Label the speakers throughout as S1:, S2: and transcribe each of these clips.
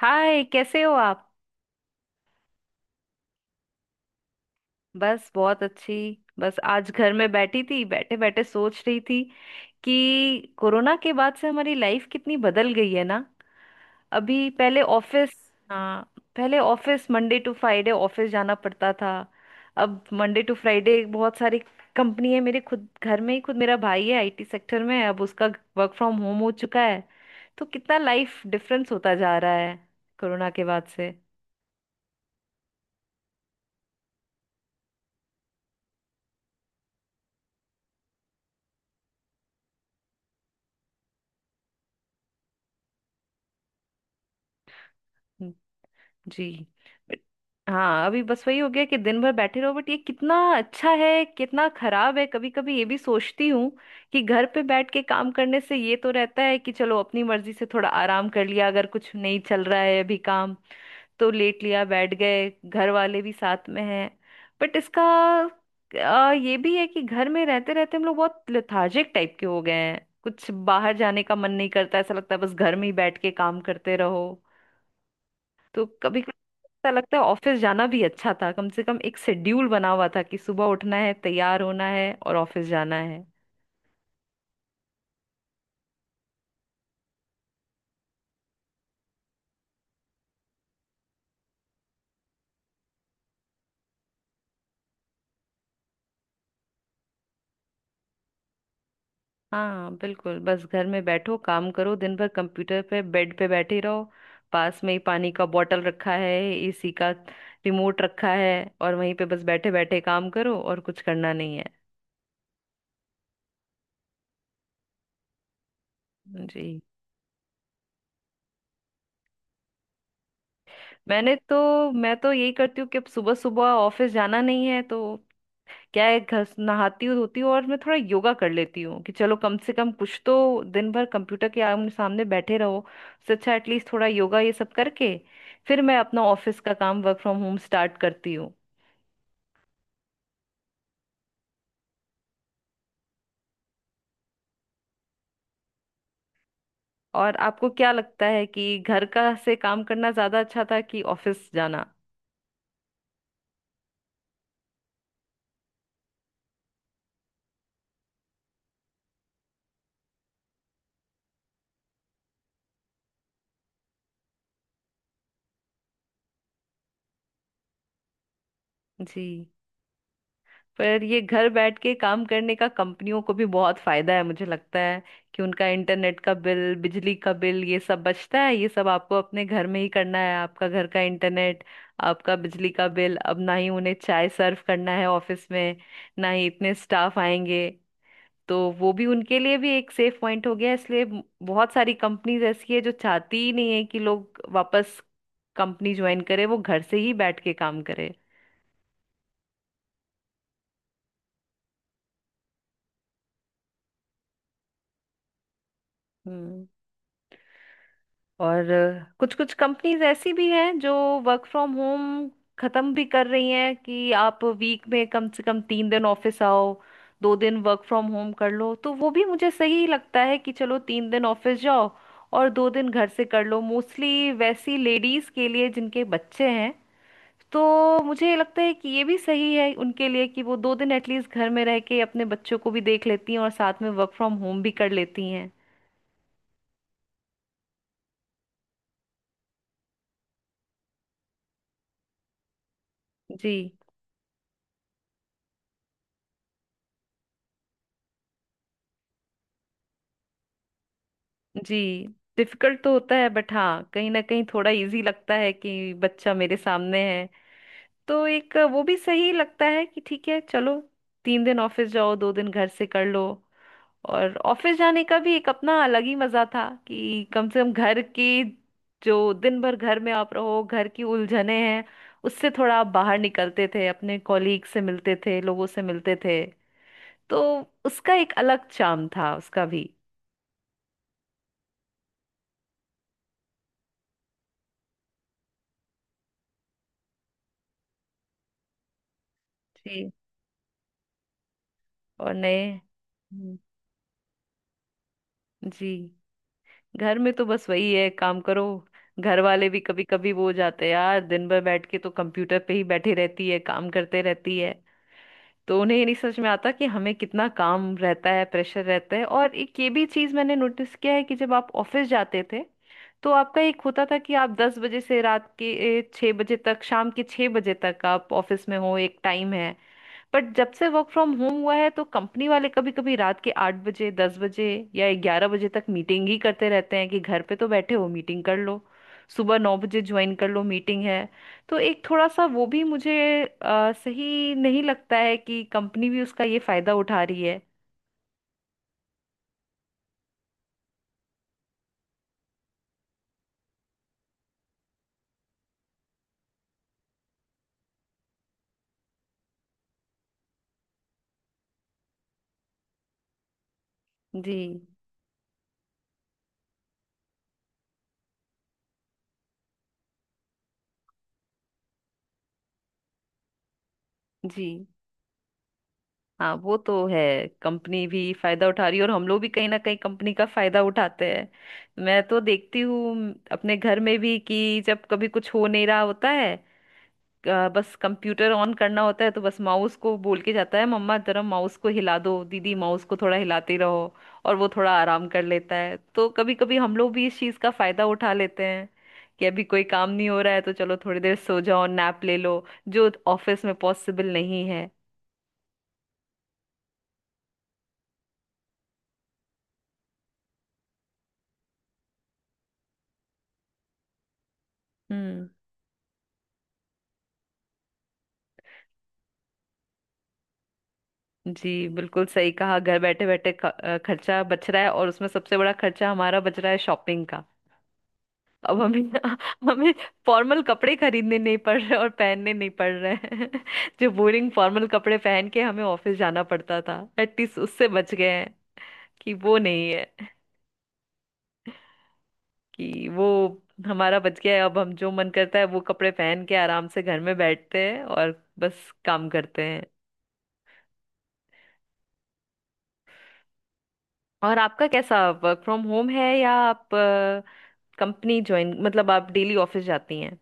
S1: हाय, कैसे हो आप। बस बहुत अच्छी। बस आज घर में बैठी थी, बैठे बैठे सोच रही थी कि कोरोना के बाद से हमारी लाइफ कितनी बदल गई है ना। अभी पहले ऑफिस। हाँ, पहले office Monday to Friday office जाना पड़ता था। अब मंडे टू फ्राइडे बहुत सारी कंपनी है मेरे। खुद घर में ही, खुद मेरा भाई है आईटी सेक्टर में, अब उसका वर्क फ्रॉम होम हो चुका है। तो कितना लाइफ डिफरेंस होता जा रहा है कोरोना के बाद से। जी। बट- हाँ, अभी बस वही हो गया कि दिन भर बैठे रहो, बट ये कितना अच्छा है कितना खराब है कभी कभी ये भी सोचती हूँ कि घर पे बैठ के काम करने से ये तो रहता है कि चलो अपनी मर्जी से थोड़ा आराम कर लिया, अगर कुछ नहीं चल रहा है अभी काम तो लेट लिया, बैठ गए, घर वाले भी साथ में हैं। बट इसका ये भी है कि घर में रहते रहते हम लोग बहुत लेथार्जिक टाइप के हो गए हैं, कुछ बाहर जाने का मन नहीं करता, ऐसा लगता है बस घर में ही बैठ के काम करते रहो। तो कभी कभी ऐसा लगता है ऑफिस जाना भी अच्छा था, कम से कम एक शेड्यूल बना हुआ था कि सुबह उठना है, तैयार होना है और ऑफिस जाना है। हाँ बिल्कुल, बस घर में बैठो काम करो, दिन भर कंप्यूटर पे बेड पे बैठे रहो। पास में ही पानी का बॉटल रखा है, एसी का रिमोट रखा है, और वहीं पे बस बैठे बैठे काम करो और कुछ करना नहीं है। जी। मैं तो यही करती हूँ कि अब सुबह सुबह ऑफिस जाना नहीं है, तो क्या है, घस नहाती हूँ धोती हूँ और मैं थोड़ा योगा कर लेती हूँ कि चलो कम से कम कुछ तो। दिन भर कंप्यूटर के आमने सामने बैठे रहो, उससे अच्छा एटलीस्ट थोड़ा योगा ये सब करके फिर मैं अपना ऑफिस का काम वर्क फ्रॉम होम स्टार्ट करती हूँ। और आपको क्या लगता है कि घर का से काम करना ज्यादा अच्छा था कि ऑफिस जाना। जी। पर ये घर बैठ के काम करने का कंपनियों को भी बहुत फायदा है मुझे लगता है, कि उनका इंटरनेट का बिल, बिजली का बिल ये सब बचता है, ये सब आपको अपने घर में ही करना है, आपका घर का इंटरनेट, आपका बिजली का बिल। अब ना ही उन्हें चाय सर्व करना है ऑफिस में, ना ही इतने स्टाफ आएंगे। तो वो भी उनके लिए भी एक सेफ पॉइंट हो गया, इसलिए बहुत सारी कंपनीज ऐसी है जो चाहती ही नहीं है कि लोग वापस कंपनी ज्वाइन करे, वो घर से ही बैठ के काम करे। हम्म। और कुछ कुछ कंपनीज ऐसी भी हैं जो वर्क फ्रॉम होम खत्म भी कर रही हैं कि आप वीक में कम से कम 3 दिन ऑफिस आओ, 2 दिन वर्क फ्रॉम होम कर लो। तो वो भी मुझे सही लगता है कि चलो 3 दिन ऑफिस जाओ और 2 दिन घर से कर लो, मोस्टली वैसी लेडीज के लिए जिनके बच्चे हैं। तो मुझे ये लगता है कि ये भी सही है उनके लिए, कि वो 2 दिन एटलीस्ट घर में रह के अपने बच्चों को भी देख लेती हैं और साथ में वर्क फ्रॉम होम भी कर लेती हैं। जी। जी। डिफिकल्ट तो होता है बट हाँ, कहीं ना कहीं थोड़ा इजी लगता है कि बच्चा मेरे सामने है, तो एक वो भी सही लगता है कि ठीक है चलो, 3 दिन ऑफिस जाओ, 2 दिन घर से कर लो। और ऑफिस जाने का भी एक अपना अलग ही मजा था कि कम से कम घर की, जो दिन भर घर में आप रहो, घर की उलझने हैं, उससे थोड़ा आप बाहर निकलते थे, अपने कॉलीग से मिलते थे, लोगों से मिलते थे। तो उसका एक अलग चार्म था उसका भी। जी। और नए। जी। घर में तो बस वही है, काम करो। घर वाले भी कभी कभी वो हो जाते हैं, यार दिन भर बैठ के तो कंप्यूटर पे ही बैठी रहती है, काम करते रहती है, तो उन्हें ये नहीं समझ में आता कि हमें कितना काम रहता है, प्रेशर रहता है। और एक ये भी चीज मैंने नोटिस किया है कि जब आप ऑफिस जाते थे तो आपका एक होता था कि आप 10 बजे से रात के 6 बजे तक, शाम के 6 बजे तक आप ऑफिस में हो, एक टाइम है। बट जब से वर्क फ्रॉम होम हुआ है तो कंपनी वाले कभी कभी रात के 8 बजे, 10 बजे या 11 बजे तक मीटिंग ही करते रहते हैं, कि घर पे तो बैठे हो मीटिंग कर लो, सुबह 9 बजे ज्वाइन कर लो मीटिंग है। तो एक थोड़ा सा वो भी मुझे सही नहीं लगता है, कि कंपनी भी उसका ये फायदा उठा रही है। जी। जी। हाँ वो तो है। कंपनी भी फायदा उठा रही है और हम लोग भी कहीं ना कहीं कंपनी का फायदा उठाते हैं। मैं तो देखती हूँ अपने घर में भी कि जब कभी कुछ हो नहीं रहा होता है, बस कंप्यूटर ऑन करना होता है तो बस माउस को बोल के जाता है, मम्मा जरा माउस को हिला दो, दीदी माउस को थोड़ा हिलाते रहो, और वो थोड़ा आराम कर लेता है। तो कभी कभी हम लोग भी इस चीज का फायदा उठा लेते हैं कि अभी कोई काम नहीं हो रहा है तो चलो थोड़ी देर सो जाओ, नैप ले लो, जो ऑफिस में पॉसिबल नहीं है। हम्म। जी, बिल्कुल सही कहा, घर बैठे बैठे खर्चा बच रहा है, और उसमें सबसे बड़ा खर्चा हमारा बच रहा है शॉपिंग का। अब हमें हमें फॉर्मल कपड़े खरीदने नहीं पड़ रहे और पहनने नहीं पड़ रहे हैं। जो बोरिंग फॉर्मल कपड़े पहन के हमें ऑफिस जाना पड़ता था, एटलीस्ट उससे बच गए हैं, कि वो नहीं है, कि वो हमारा बच गया है। अब हम जो मन करता है वो कपड़े पहन के आराम से घर में बैठते हैं और बस काम करते हैं। और आपका कैसा वर्क फ्रॉम होम है, या आप कंपनी ज्वाइन, मतलब आप डेली ऑफिस जाती हैं।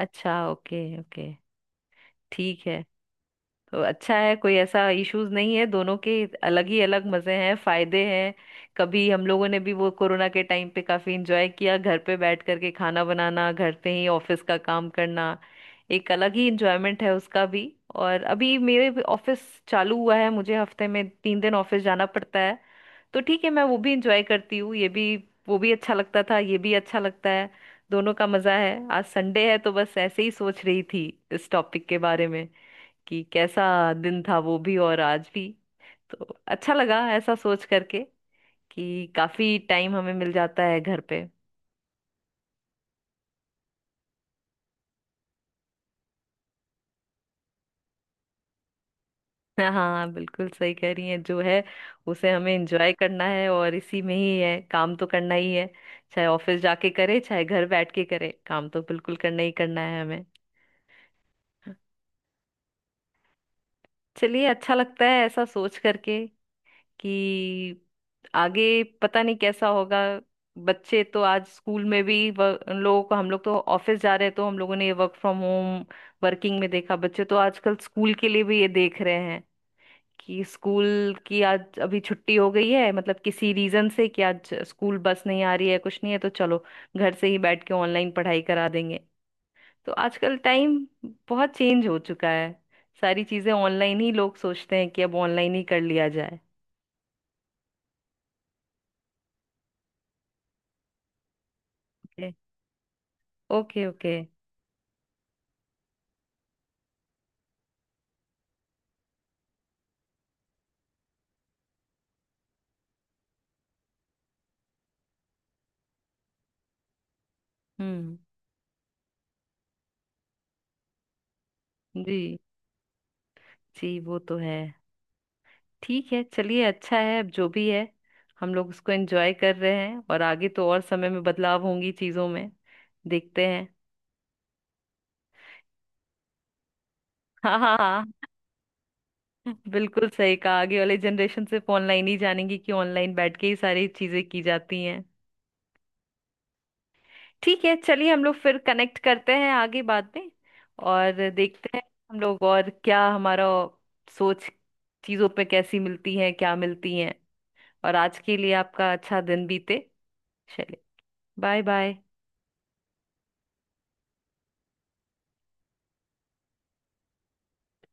S1: अच्छा, ओके ओके, ठीक है। तो अच्छा है, कोई ऐसा इश्यूज नहीं है, दोनों के अलग ही अलग मजे हैं, फायदे हैं। कभी हम लोगों ने भी वो कोरोना के टाइम पे काफी इंजॉय किया, घर पे बैठ करके खाना बनाना, घर पे ही ऑफिस का काम करना, एक अलग ही इंजॉयमेंट है उसका भी। और अभी मेरे भी ऑफिस चालू हुआ है, मुझे हफ्ते में 3 दिन ऑफिस जाना पड़ता है। तो ठीक है, मैं वो भी इंजॉय करती हूँ ये भी, वो भी अच्छा लगता था ये भी अच्छा लगता है, दोनों का मजा है। आज संडे है तो बस ऐसे ही सोच रही थी इस टॉपिक के बारे में, कि कैसा दिन था वो भी और आज भी। तो अच्छा लगा ऐसा सोच करके कि काफी टाइम हमें मिल जाता है घर पे। हाँ, बिल्कुल सही कह रही हैं, जो है उसे हमें एंजॉय करना है, और इसी में ही है, काम तो करना ही है, चाहे ऑफिस जाके करे चाहे घर बैठ के करे, काम तो बिल्कुल करना ही करना है हमें। चलिए, अच्छा लगता है ऐसा सोच करके कि आगे पता नहीं कैसा होगा। बच्चे तो आज स्कूल में भी उन लोगों को, हम लोग तो ऑफिस जा रहे हैं तो हम लोगों ने ये वर्क फ्रॉम होम वर्किंग में देखा, बच्चे तो आजकल स्कूल के लिए भी ये देख रहे हैं कि स्कूल की आज अभी छुट्टी हो गई है, मतलब किसी रीजन से, कि आज स्कूल बस नहीं आ रही है कुछ नहीं है, तो चलो घर से ही बैठ के ऑनलाइन पढ़ाई करा देंगे। तो आजकल टाइम बहुत चेंज हो चुका है, सारी चीजें ऑनलाइन ही, लोग सोचते हैं कि अब ऑनलाइन ही कर लिया जाए। Okay okay. हम्म। जी। जी वो तो है। ठीक है चलिए, अच्छा है, अब जो भी है हम लोग उसको एंजॉय कर रहे हैं, और आगे तो और समय में बदलाव होंगी चीजों में, देखते हैं। हाँ हाँ हाँ, बिल्कुल सही कहा, आगे वाले जनरेशन सिर्फ ऑनलाइन ही जानेंगी कि ऑनलाइन बैठ के ही सारी चीजें की जाती हैं। ठीक है चलिए, हम लोग फिर कनेक्ट करते हैं आगे बाद में, और देखते हैं हम लोग और क्या, हमारा सोच चीजों पे कैसी मिलती है, क्या मिलती है। और आज के लिए आपका अच्छा दिन बीते। चलिए, बाय बाय।